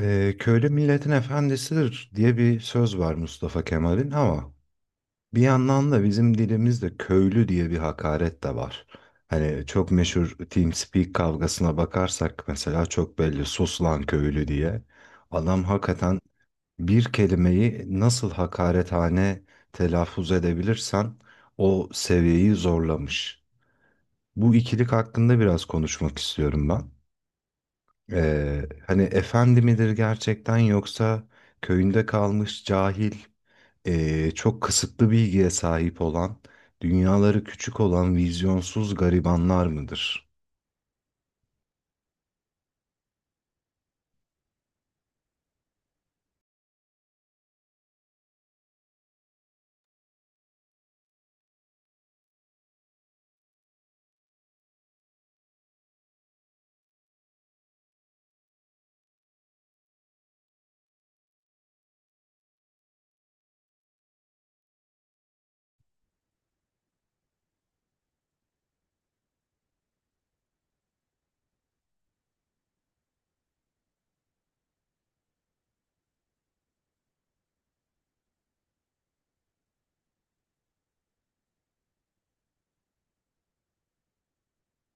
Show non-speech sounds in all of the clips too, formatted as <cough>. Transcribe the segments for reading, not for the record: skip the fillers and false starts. Köylü milletin efendisidir diye bir söz var Mustafa Kemal'in ama bir yandan da bizim dilimizde köylü diye bir hakaret de var. Hani çok meşhur TeamSpeak kavgasına bakarsak mesela çok belli sus lan köylü diye. Adam hakikaten bir kelimeyi nasıl hakarethane telaffuz edebilirsen o seviyeyi zorlamış. Bu ikilik hakkında biraz konuşmak istiyorum ben. Hani efendi midir gerçekten yoksa köyünde kalmış cahil, çok kısıtlı bilgiye sahip olan, dünyaları küçük olan vizyonsuz garibanlar mıdır?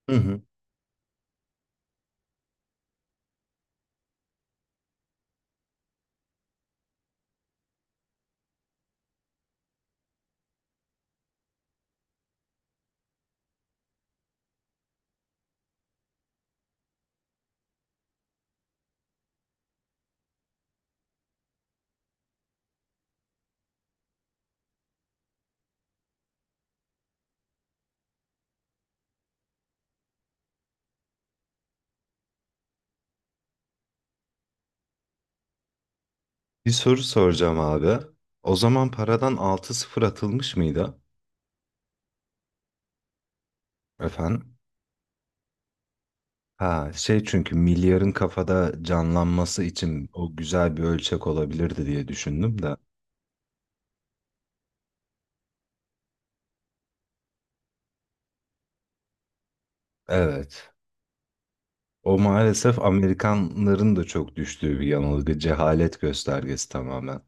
Hı hı. Bir soru soracağım abi. O zaman paradan altı sıfır atılmış mıydı? Efendim? Ha şey çünkü milyarın kafada canlanması için o güzel bir ölçek olabilirdi diye düşündüm de. Evet. O maalesef Amerikanların da çok düştüğü bir yanılgı, cehalet göstergesi tamamen.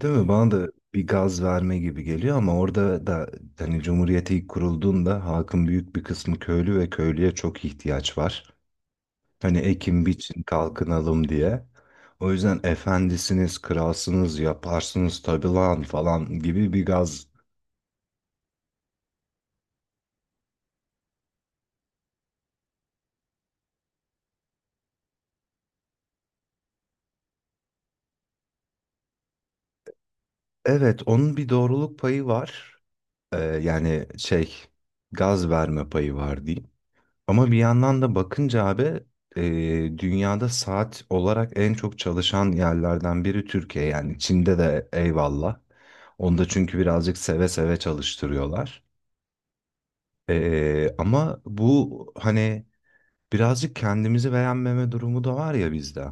Değil mi? Bana da bir gaz verme gibi geliyor ama orada da hani Cumhuriyet ilk kurulduğunda halkın büyük bir kısmı köylü ve köylüye çok ihtiyaç var. Hani ekin biçin kalkınalım diye. O yüzden efendisiniz, kralsınız, yaparsınız tabii lan falan gibi bir gaz. Evet, onun bir doğruluk payı var. Yani gaz verme payı var diyeyim. Ama bir yandan da bakınca abi dünyada saat olarak en çok çalışan yerlerden biri Türkiye. Yani Çin'de de eyvallah. Onda çünkü birazcık seve seve çalıştırıyorlar. Ama bu hani birazcık kendimizi beğenmeme durumu da var ya bizde.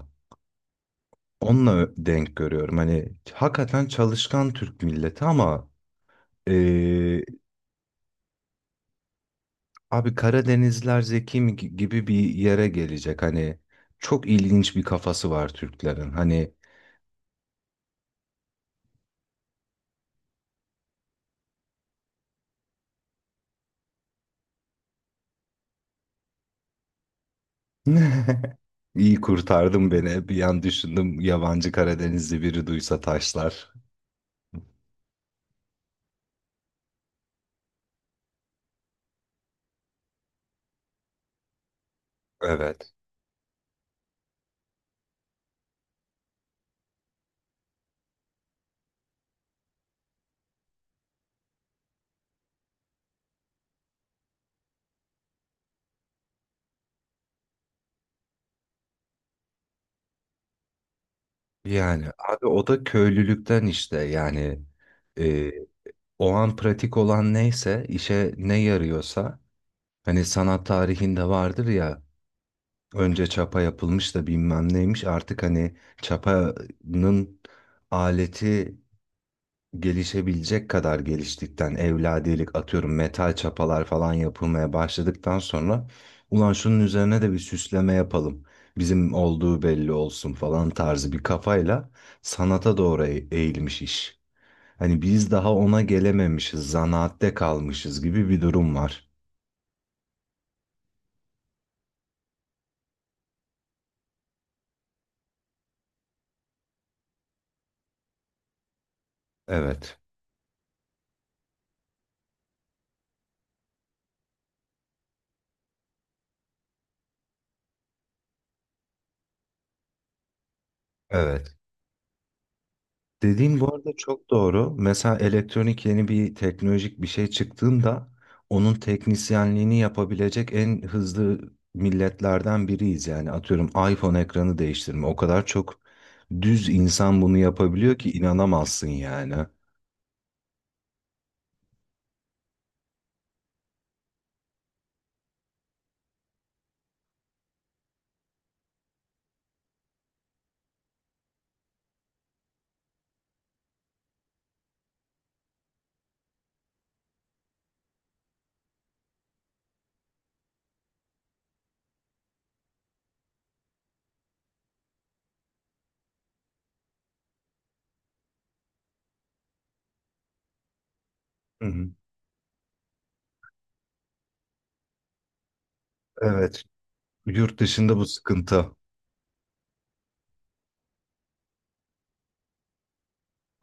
Onunla denk görüyorum. Hani hakikaten çalışkan Türk milleti ama e, abi Karadenizler zeki mi gibi bir yere gelecek. Hani çok ilginç bir kafası var Türklerin. Hani <laughs> İyi kurtardım beni. Bir an düşündüm yabancı Karadenizli biri duysa taşlar. Evet. Yani abi o da köylülükten işte yani e, o an pratik olan neyse işe ne yarıyorsa hani sanat tarihinde vardır ya önce çapa yapılmış da bilmem neymiş artık hani çapanın aleti gelişebilecek kadar geliştikten evladilik atıyorum metal çapalar falan yapılmaya başladıktan sonra ulan şunun üzerine de bir süsleme yapalım. Bizim olduğu belli olsun falan tarzı bir kafayla sanata doğru eğilmiş iş. Hani biz daha ona gelememişiz, zanaatte kalmışız gibi bir durum var. Evet. Evet. Dediğin bu arada çok doğru. Mesela elektronik yeni bir teknolojik bir şey çıktığında onun teknisyenliğini yapabilecek en hızlı milletlerden biriyiz. Yani atıyorum iPhone ekranı değiştirme. O kadar çok düz insan bunu yapabiliyor ki inanamazsın yani. Hı hı. Evet, yurt dışında bu sıkıntı.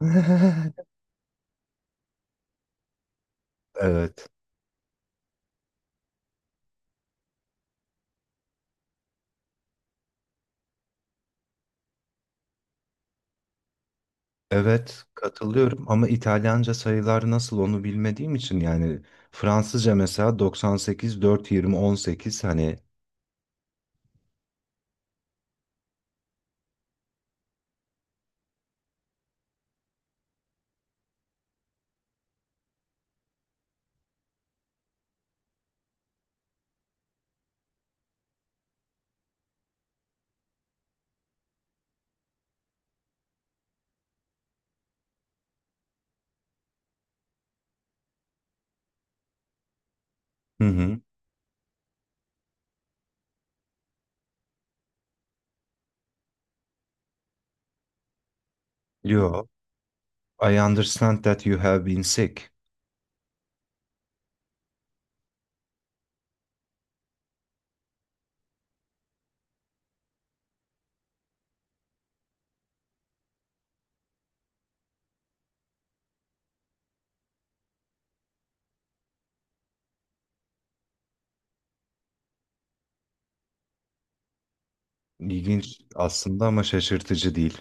<laughs> Evet, evet katılıyorum ama İtalyanca sayılar nasıl onu bilmediğim için yani Fransızca mesela 98 4 20 18 hani. Hı hı. Yo, I understand that you have been sick. İlginç aslında ama şaşırtıcı değil.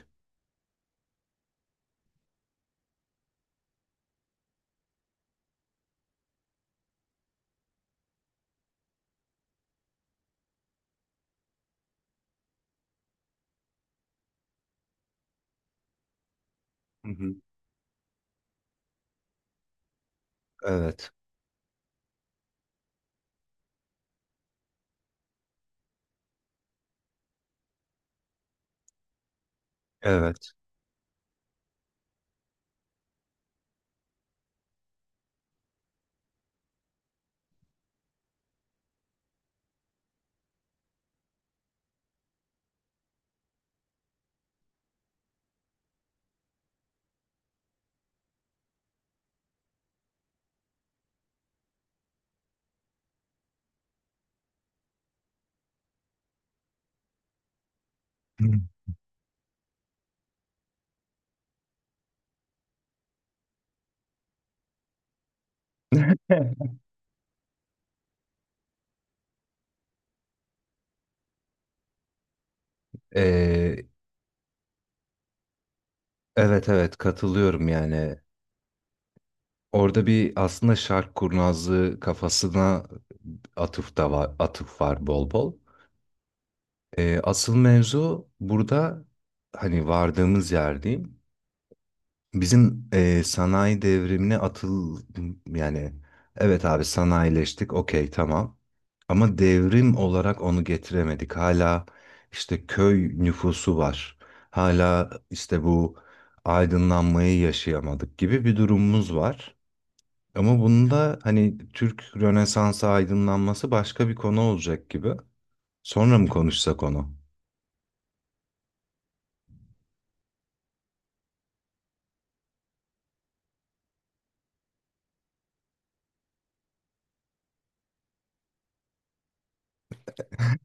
Hı hı. Evet, evet. <laughs> Hı. Ee, evet evet katılıyorum yani. Orada bir aslında şark kurnazlığı kafasına atıf da var, atıf var bol bol. Asıl mevzu burada hani vardığımız yer diyeyim. Bizim sanayi devrimine atıl yani evet abi sanayileştik okey tamam. Ama devrim olarak onu getiremedik. Hala işte köy nüfusu var. Hala işte bu aydınlanmayı yaşayamadık gibi bir durumumuz var. Ama bunda hani Türk Rönesansı aydınlanması başka bir konu olacak gibi. Sonra mı konuşsak onu?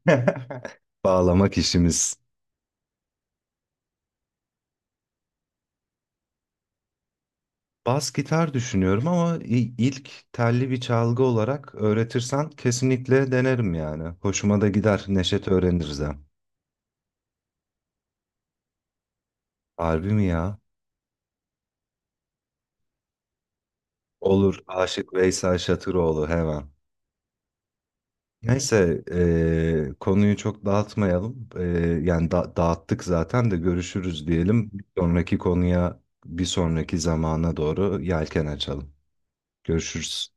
<laughs> Bağlamak işimiz. Bas gitar düşünüyorum ama ilk telli bir çalgı olarak öğretirsen kesinlikle denerim yani. Hoşuma da gider. Neşet öğreniriz hem. Harbi mi ya? Olur. Aşık Veysel Şatıroğlu hemen. Neyse konuyu çok dağıtmayalım. Yani dağıttık zaten de görüşürüz diyelim. Bir sonraki konuya bir sonraki zamana doğru yelken açalım. Görüşürüz.